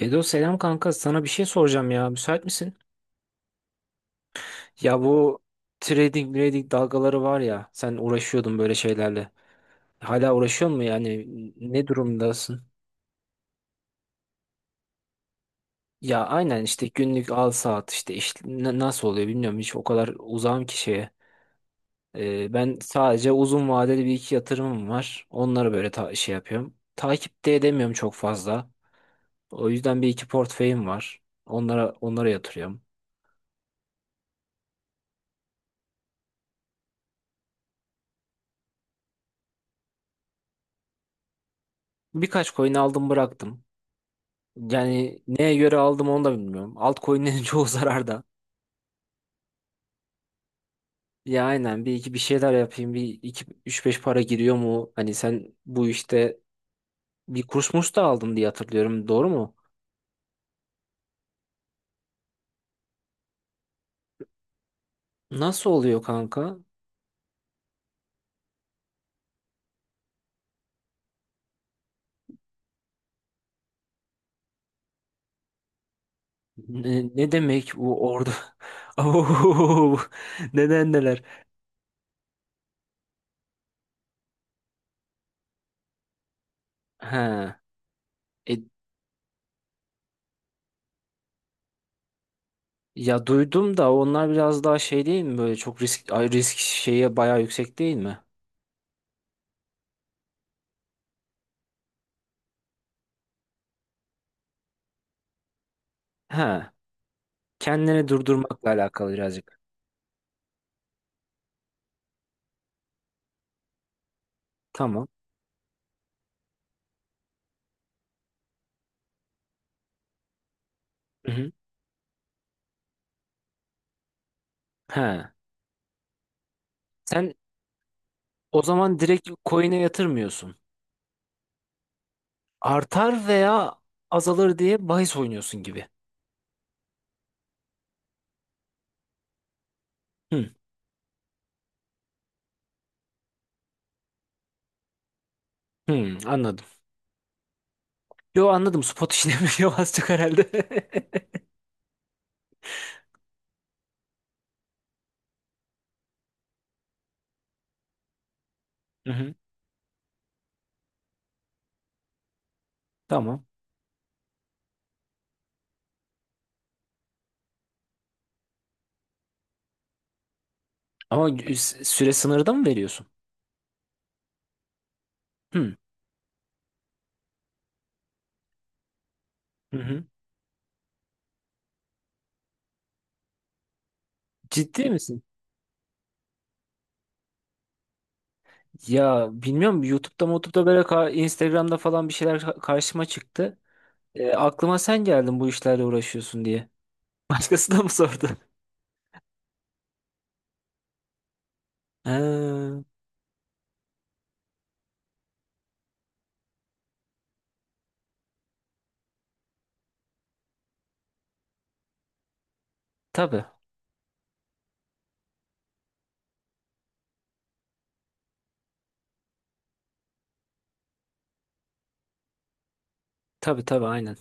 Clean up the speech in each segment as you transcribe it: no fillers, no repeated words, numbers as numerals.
Bedo selam kanka sana bir şey soracağım ya müsait misin? Ya bu trading dalgaları var ya sen uğraşıyordun böyle şeylerle. Hala uğraşıyor mu yani ne durumdasın? Ya aynen işte günlük al saat işte, nasıl oluyor bilmiyorum hiç o kadar uzağım ki şeye. Ben sadece uzun vadeli bir iki yatırımım var. Onları böyle ta şey yapıyorum. Takip de edemiyorum çok fazla. O yüzden bir iki portföyüm var. Onlara yatırıyorum. Birkaç coin aldım bıraktım. Yani neye göre aldım onu da bilmiyorum. Altcoin'lerin çoğu zararda. Ya aynen bir iki bir şeyler yapayım. Bir iki üç beş para giriyor mu? Hani sen bu işte bir kurs murs da aldın diye hatırlıyorum. Doğru mu? Nasıl oluyor kanka? Ne demek bu orada? Au, neden neler? Ha. E, Ya duydum da onlar biraz daha şey değil mi? Böyle çok risk şeye bayağı yüksek değil mi? Ha. Kendini durdurmakla alakalı birazcık. Tamam. Hı hı. He. Sen o zaman direkt coin'e yatırmıyorsun. Artar veya azalır diye bahis oynuyorsun gibi. Hı, hı, anladım. Yo anladım. Spot işlemi yok az çok herhalde. Hı hı. Tamam. Ama süre sınırda mı veriyorsun? Hı, hı hı. Ciddi misin? Ya bilmiyorum YouTube'da böyle Instagram'da falan bir şeyler karşıma çıktı. Aklıma sen geldin bu işlerle uğraşıyorsun diye. Başkası da mı sordu? Ha, tabii. Tabii tabii aynen.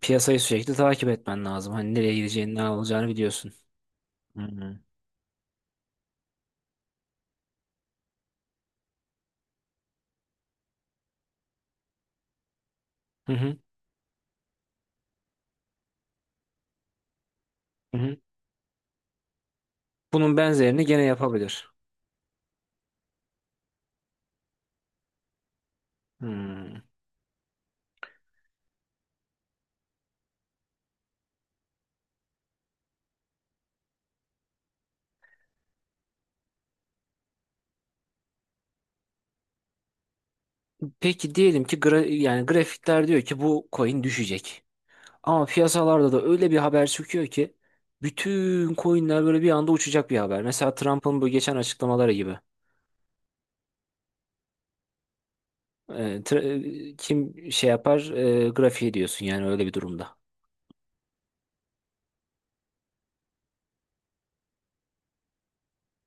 Piyasayı sürekli takip etmen lazım. Hani nereye gideceğini, ne olacağını biliyorsun. Hı hı. Hı hı. Hı hı. Bunun benzerini gene yapabilir. Hmm. Peki diyelim ki gra yani grafikler diyor ki bu coin düşecek. Ama piyasalarda da öyle bir haber çıkıyor ki bütün coinler böyle bir anda uçacak bir haber. Mesela Trump'ın bu geçen açıklamaları gibi. Ee, tra- kim şey yapar grafiği diyorsun yani öyle bir durumda.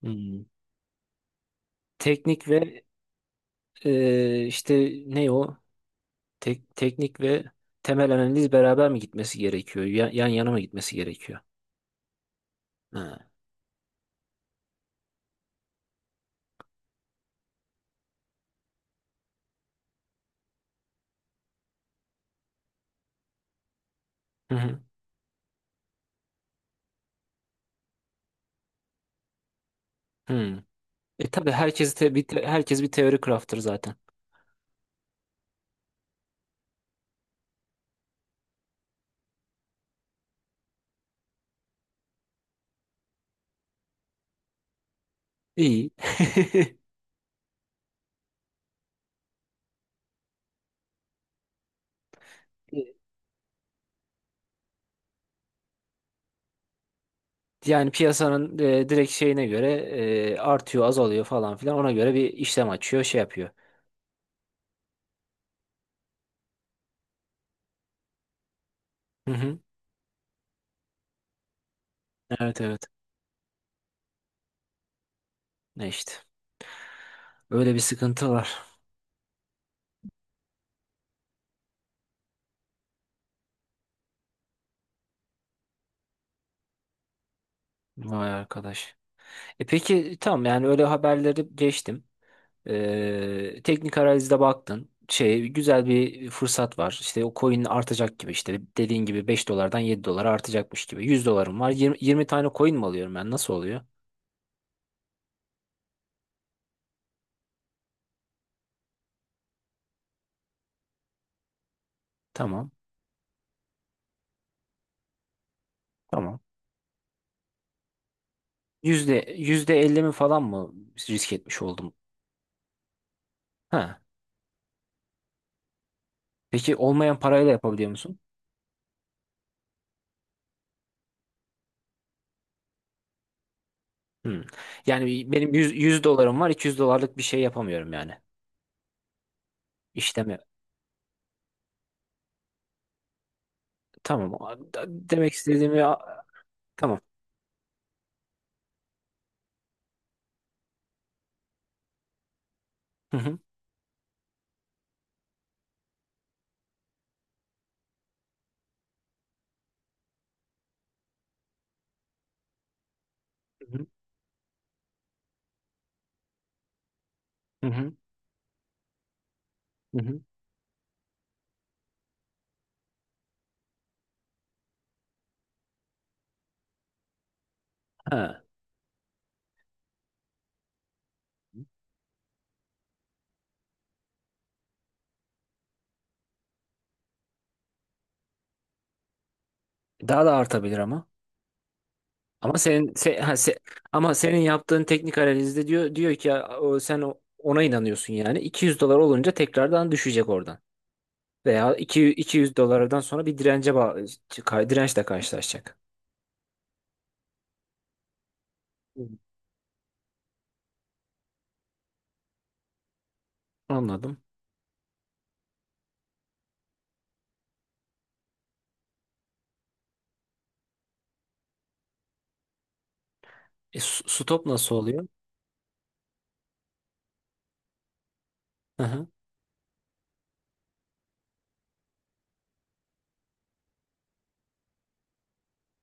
Hmm. Teknik ve işte ne o? Teknik ve temel analiz beraber mi gitmesi gerekiyor? Yan yana mı gitmesi gerekiyor? Ha. Hı hı. Hı. E tabii herkes bir teori craft'tır zaten. İyi. Yani piyasanın direkt şeyine göre artıyor, azalıyor falan filan. Ona göre bir işlem açıyor, şey yapıyor. Hı hı. Evet evet. Ne işte. Öyle bir sıkıntı var. Vay arkadaş. E peki tamam yani öyle haberleri geçtim. Teknik analizde baktın. Şey, güzel bir fırsat var. İşte o coin artacak gibi işte dediğin gibi 5 dolardan 7 dolara artacakmış gibi. 100 dolarım var. 20 tane coin mi alıyorum ben? Nasıl oluyor? Tamam. Tamam. Yüzde 50 mi falan mı risk etmiş oldum? Ha. Peki olmayan parayla yapabiliyor musun? Hmm. Yani benim yüz dolarım var. 200 dolarlık bir şey yapamıyorum yani. İşlemi. Tamam. Demek istediğimi tamam. Hı hı. Hı hı. Hı hı. Hı hı. Ha. Daha da artabilir ama. Ama senin se, ha, se- ama senin yaptığın teknik analizde diyor ki ya, o, sen ona inanıyorsun yani. 200 dolar olunca tekrardan düşecek oradan. Veya 200 dolardan sonra bir dirence dirençle karşılaşacak. Hı. Anladım. Stop nasıl oluyor? Hı hı.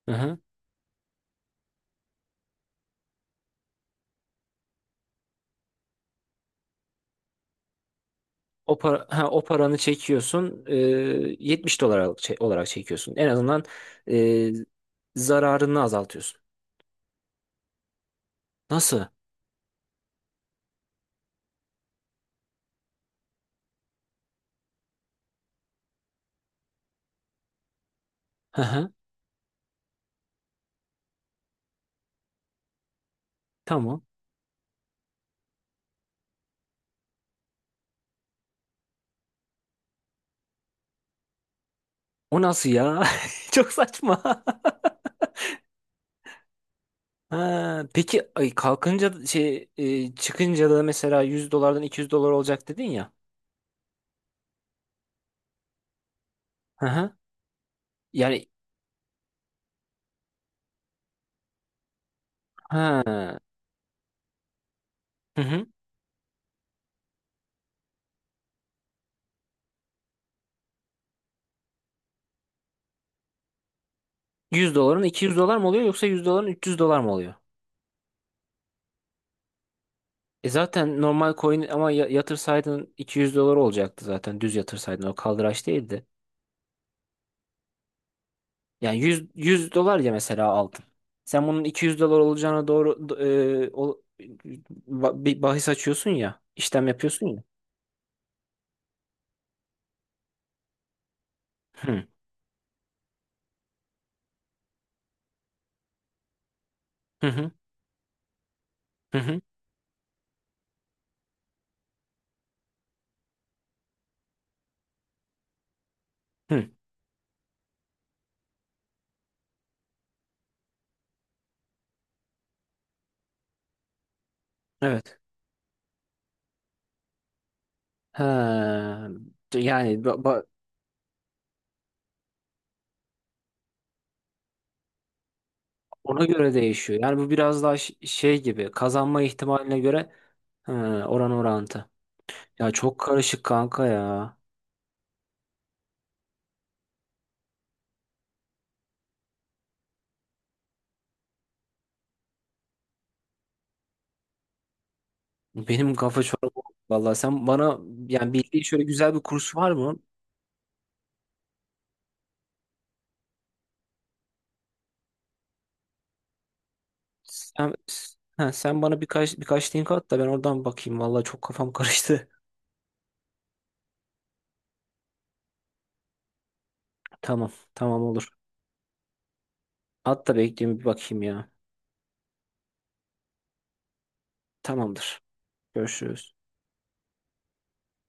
Hı hı. O paranı çekiyorsun. 70 dolar olarak çekiyorsun. En azından e, zararını azaltıyorsun. Nasıl? Hı hı. Tamam. O nasıl ya? Çok saçma. Ha, peki ay kalkınca şey çıkınca da mesela 100 dolardan 200 dolar olacak dedin ya. Hı hı. Yani ha. Hı hı. 100 doların 200 dolar mı oluyor yoksa 100 doların 300 dolar mı oluyor? E zaten normal coin ama yatırsaydın 200 dolar olacaktı zaten düz yatırsaydın o kaldıraç değildi. Yani 100, 100 dolar ya mesela aldın. Sen bunun 200 dolar olacağına doğru bir bahis açıyorsun ya işlem yapıyorsun ya. Hı. Hı hı hı hı. Hı. Evet. Ha, yani ona göre değişiyor. Yani bu biraz daha şey gibi kazanma ihtimaline göre ha, oran orantı. Ya çok karışık kanka ya. Benim kafa çorba oldu. Vallahi sen bana yani bildiğin şöyle güzel bir kurs var mı? Sen ha, sen bana birkaç link at da ben oradan bakayım. Vallahi çok kafam karıştı. Tamam, tamam olur. At da bekleyeyim bir bakayım ya. Tamamdır. Görüşürüz.